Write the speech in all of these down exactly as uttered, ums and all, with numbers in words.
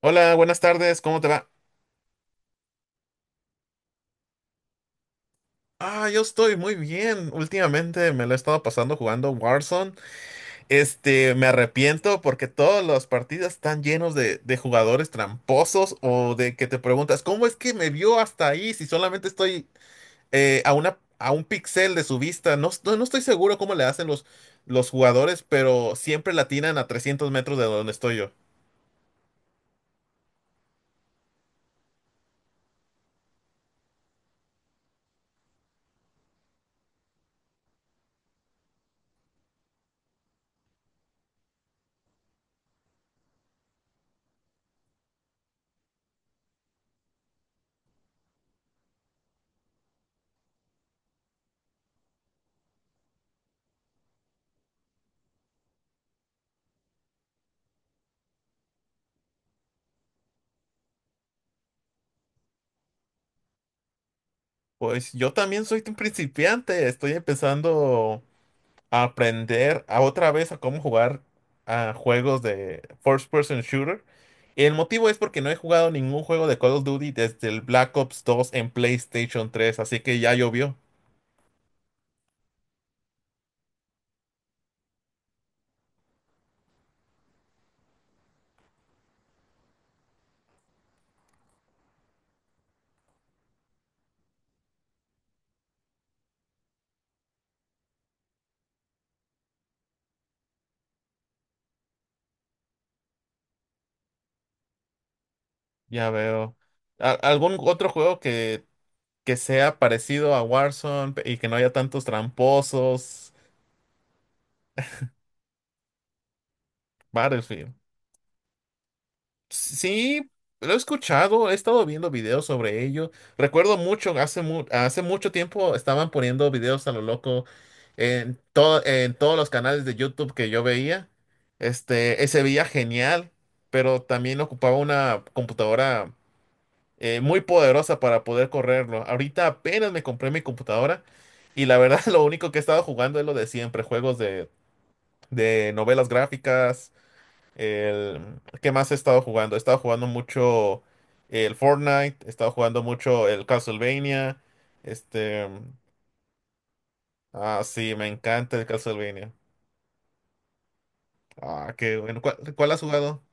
Hola, buenas tardes, ¿cómo te va? Ah, yo estoy muy bien. Últimamente me lo he estado pasando jugando Warzone. Este, me arrepiento porque todas las partidas están llenos de, de jugadores tramposos o de que te preguntas, ¿cómo es que me vio hasta ahí si solamente estoy eh, a una, a un pixel de su vista? No, no no estoy seguro cómo le hacen los, los jugadores, pero siempre la atinan a trescientos metros de donde estoy yo. Pues yo también soy un principiante, estoy empezando a aprender a otra vez a cómo jugar a juegos de first person shooter. El motivo es porque no he jugado ningún juego de Call of Duty desde el Black Ops dos en PlayStation tres, así que ya llovió. Ya veo. ¿Al- ¿Algún otro juego que, que sea parecido a Warzone pe- y que no haya tantos tramposos? Battlefield. Sí, lo he escuchado, he estado viendo videos sobre ello. Recuerdo mucho, hace, mu- hace mucho tiempo estaban poniendo videos a lo loco en, todo, en todos los canales de YouTube que yo veía. Este, eh, se veía genial, pero también ocupaba una computadora eh, muy poderosa para poder correrlo. Ahorita apenas me compré mi computadora y la verdad lo único que he estado jugando es lo de siempre, juegos de, de novelas gráficas. El, ¿qué más he estado jugando? He estado jugando mucho el Fortnite, he estado jugando mucho el Castlevania. Este, ah, sí, me encanta el Castlevania. Ah, qué bueno. ¿Cuál, ¿cuál has jugado?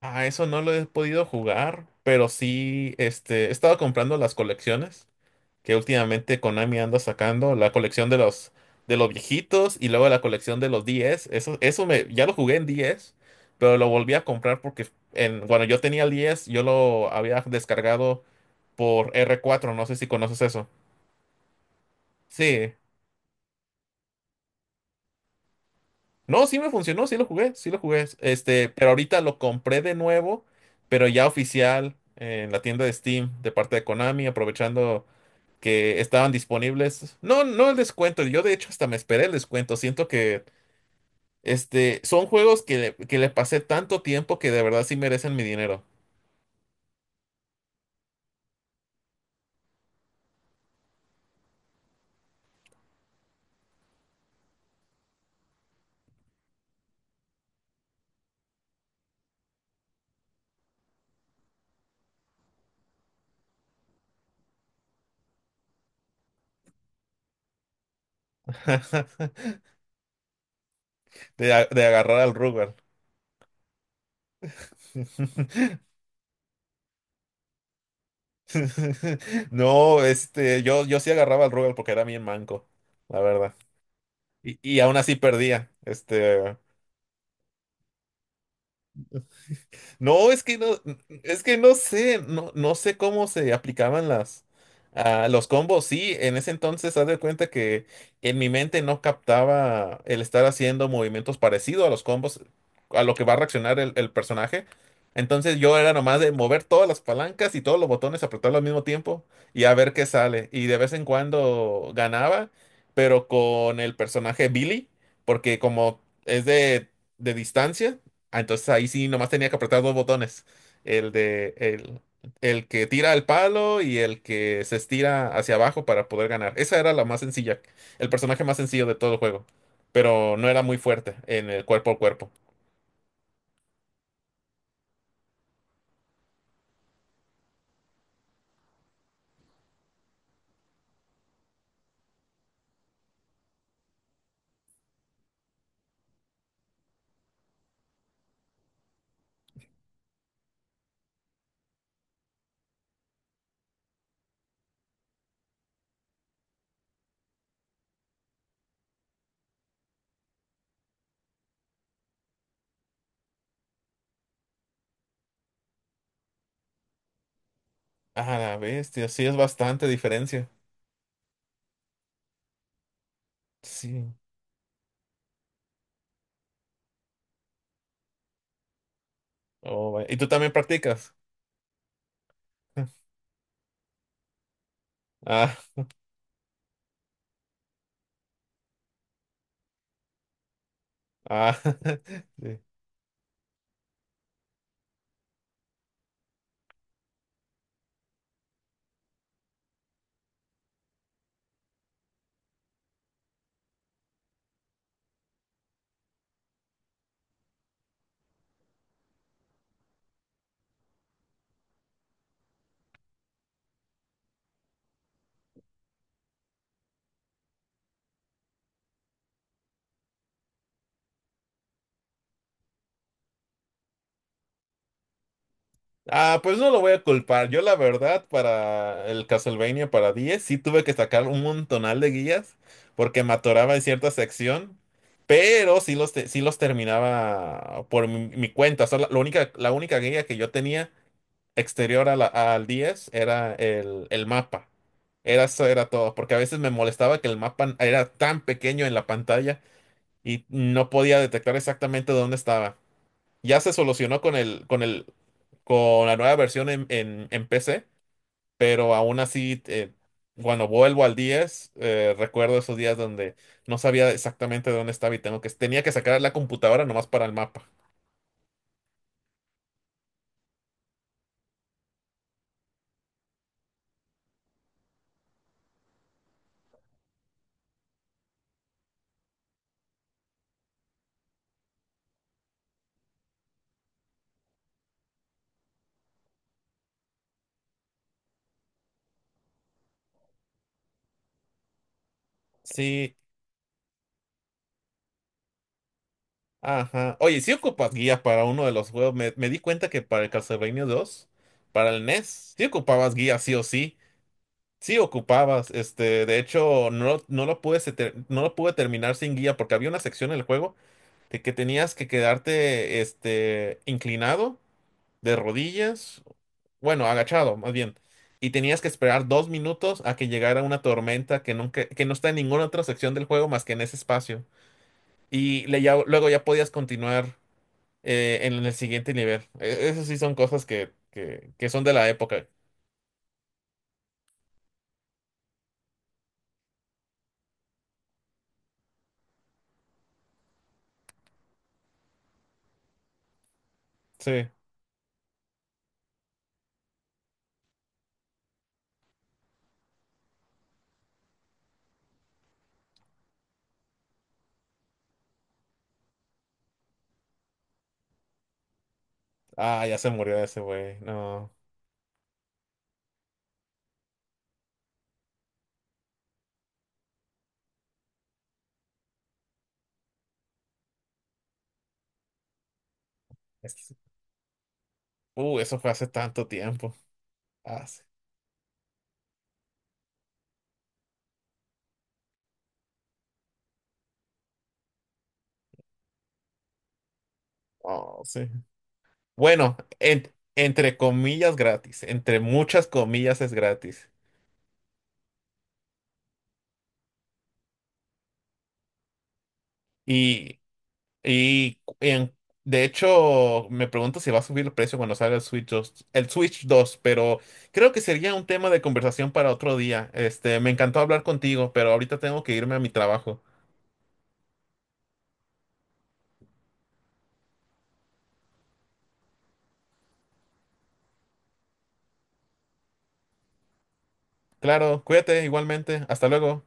Ah, eso no lo he podido jugar, pero sí, este, he estado comprando las colecciones que últimamente Konami anda sacando, la colección de los de los viejitos y luego la colección de los diez. Eso, eso me, ya lo jugué en diez, pero lo volví a comprar porque en, cuando yo tenía el diez, yo lo había descargado por R cuatro, no sé si conoces eso. Sí. No, sí me funcionó, sí lo jugué, sí lo jugué. Este, pero ahorita lo compré de nuevo, pero ya oficial en la tienda de Steam de parte de Konami, aprovechando que estaban disponibles. No, no el descuento. Yo de hecho hasta me esperé el descuento. Siento que este, son juegos que le, que le pasé tanto tiempo que de verdad sí merecen mi dinero. De, a- de agarrar al Rugal. No, este, yo, yo sí agarraba al Rugal porque era bien manco, la verdad. Y, y aún así perdía. Este. No, es que no, es que no sé, no, no sé cómo se aplicaban las, ah, los combos. Sí, en ese entonces, haz de cuenta que en mi mente no captaba el estar haciendo movimientos parecidos a los combos, a lo que va a reaccionar el, el personaje. Entonces yo era nomás de mover todas las palancas y todos los botones, apretarlo al mismo tiempo y a ver qué sale. Y de vez en cuando ganaba, pero con el personaje Billy, porque como es de de distancia. Ah, entonces ahí sí nomás tenía que apretar dos botones. El de el, el que tira el palo y el que se estira hacia abajo para poder ganar. Esa era la más sencilla, el personaje más sencillo de todo el juego. Pero no era muy fuerte en el cuerpo a cuerpo. Ah, la bestia, sí es bastante diferencia. Sí. Oh, vaya. ¿Y tú también practicas? Ah, ah. Sí. Ah, pues no lo voy a culpar. Yo la verdad para el Castlevania para diez sí tuve que sacar un montonal de guías porque me atoraba en cierta sección, pero sí los, te- sí los terminaba por mi, mi cuenta. Solo- la única, la única guía que yo tenía exterior a la- al diez era el, el mapa. Era, eso era todo, porque a veces me molestaba que el mapa era tan pequeño en la pantalla y no podía detectar exactamente dónde estaba. Ya se solucionó con el, con el con la nueva versión en, en, en P C, pero aún así, eh, cuando vuelvo al diez, eh, recuerdo esos días donde no sabía exactamente dónde estaba y tengo que, tenía que sacar la computadora nomás para el mapa. Sí, ajá. Oye, si ocupas guía para uno de los juegos, me, me di cuenta que para el Castlevania dos para el NES, sí ocupabas guía sí o sí. Sí ocupabas, este, de hecho, no, no lo pude, se ter- no lo pude terminar sin guía porque había una sección en el juego de que tenías que quedarte, este, inclinado de rodillas, bueno, agachado más bien, y tenías que esperar dos minutos a que llegara una tormenta que nunca, que no está en ninguna otra sección del juego más que en ese espacio. Y le ya- luego ya podías continuar eh, en el siguiente nivel. E- Esas sí son cosas que, que, que son de la época. Sí. Ah, ya se murió ese güey. No. Es- Uh, eso fue hace tanto tiempo. Ah, sí. Oh, sí. Bueno, en- entre comillas gratis. Entre muchas comillas es gratis. Y Y en- de hecho, me pregunto si va a subir el precio cuando salga el Switch dos el Switch dos, pero creo que sería un tema de conversación para otro día. Este, me encantó hablar contigo, pero ahorita tengo que irme a mi trabajo. Claro, cuídate igualmente. Hasta luego.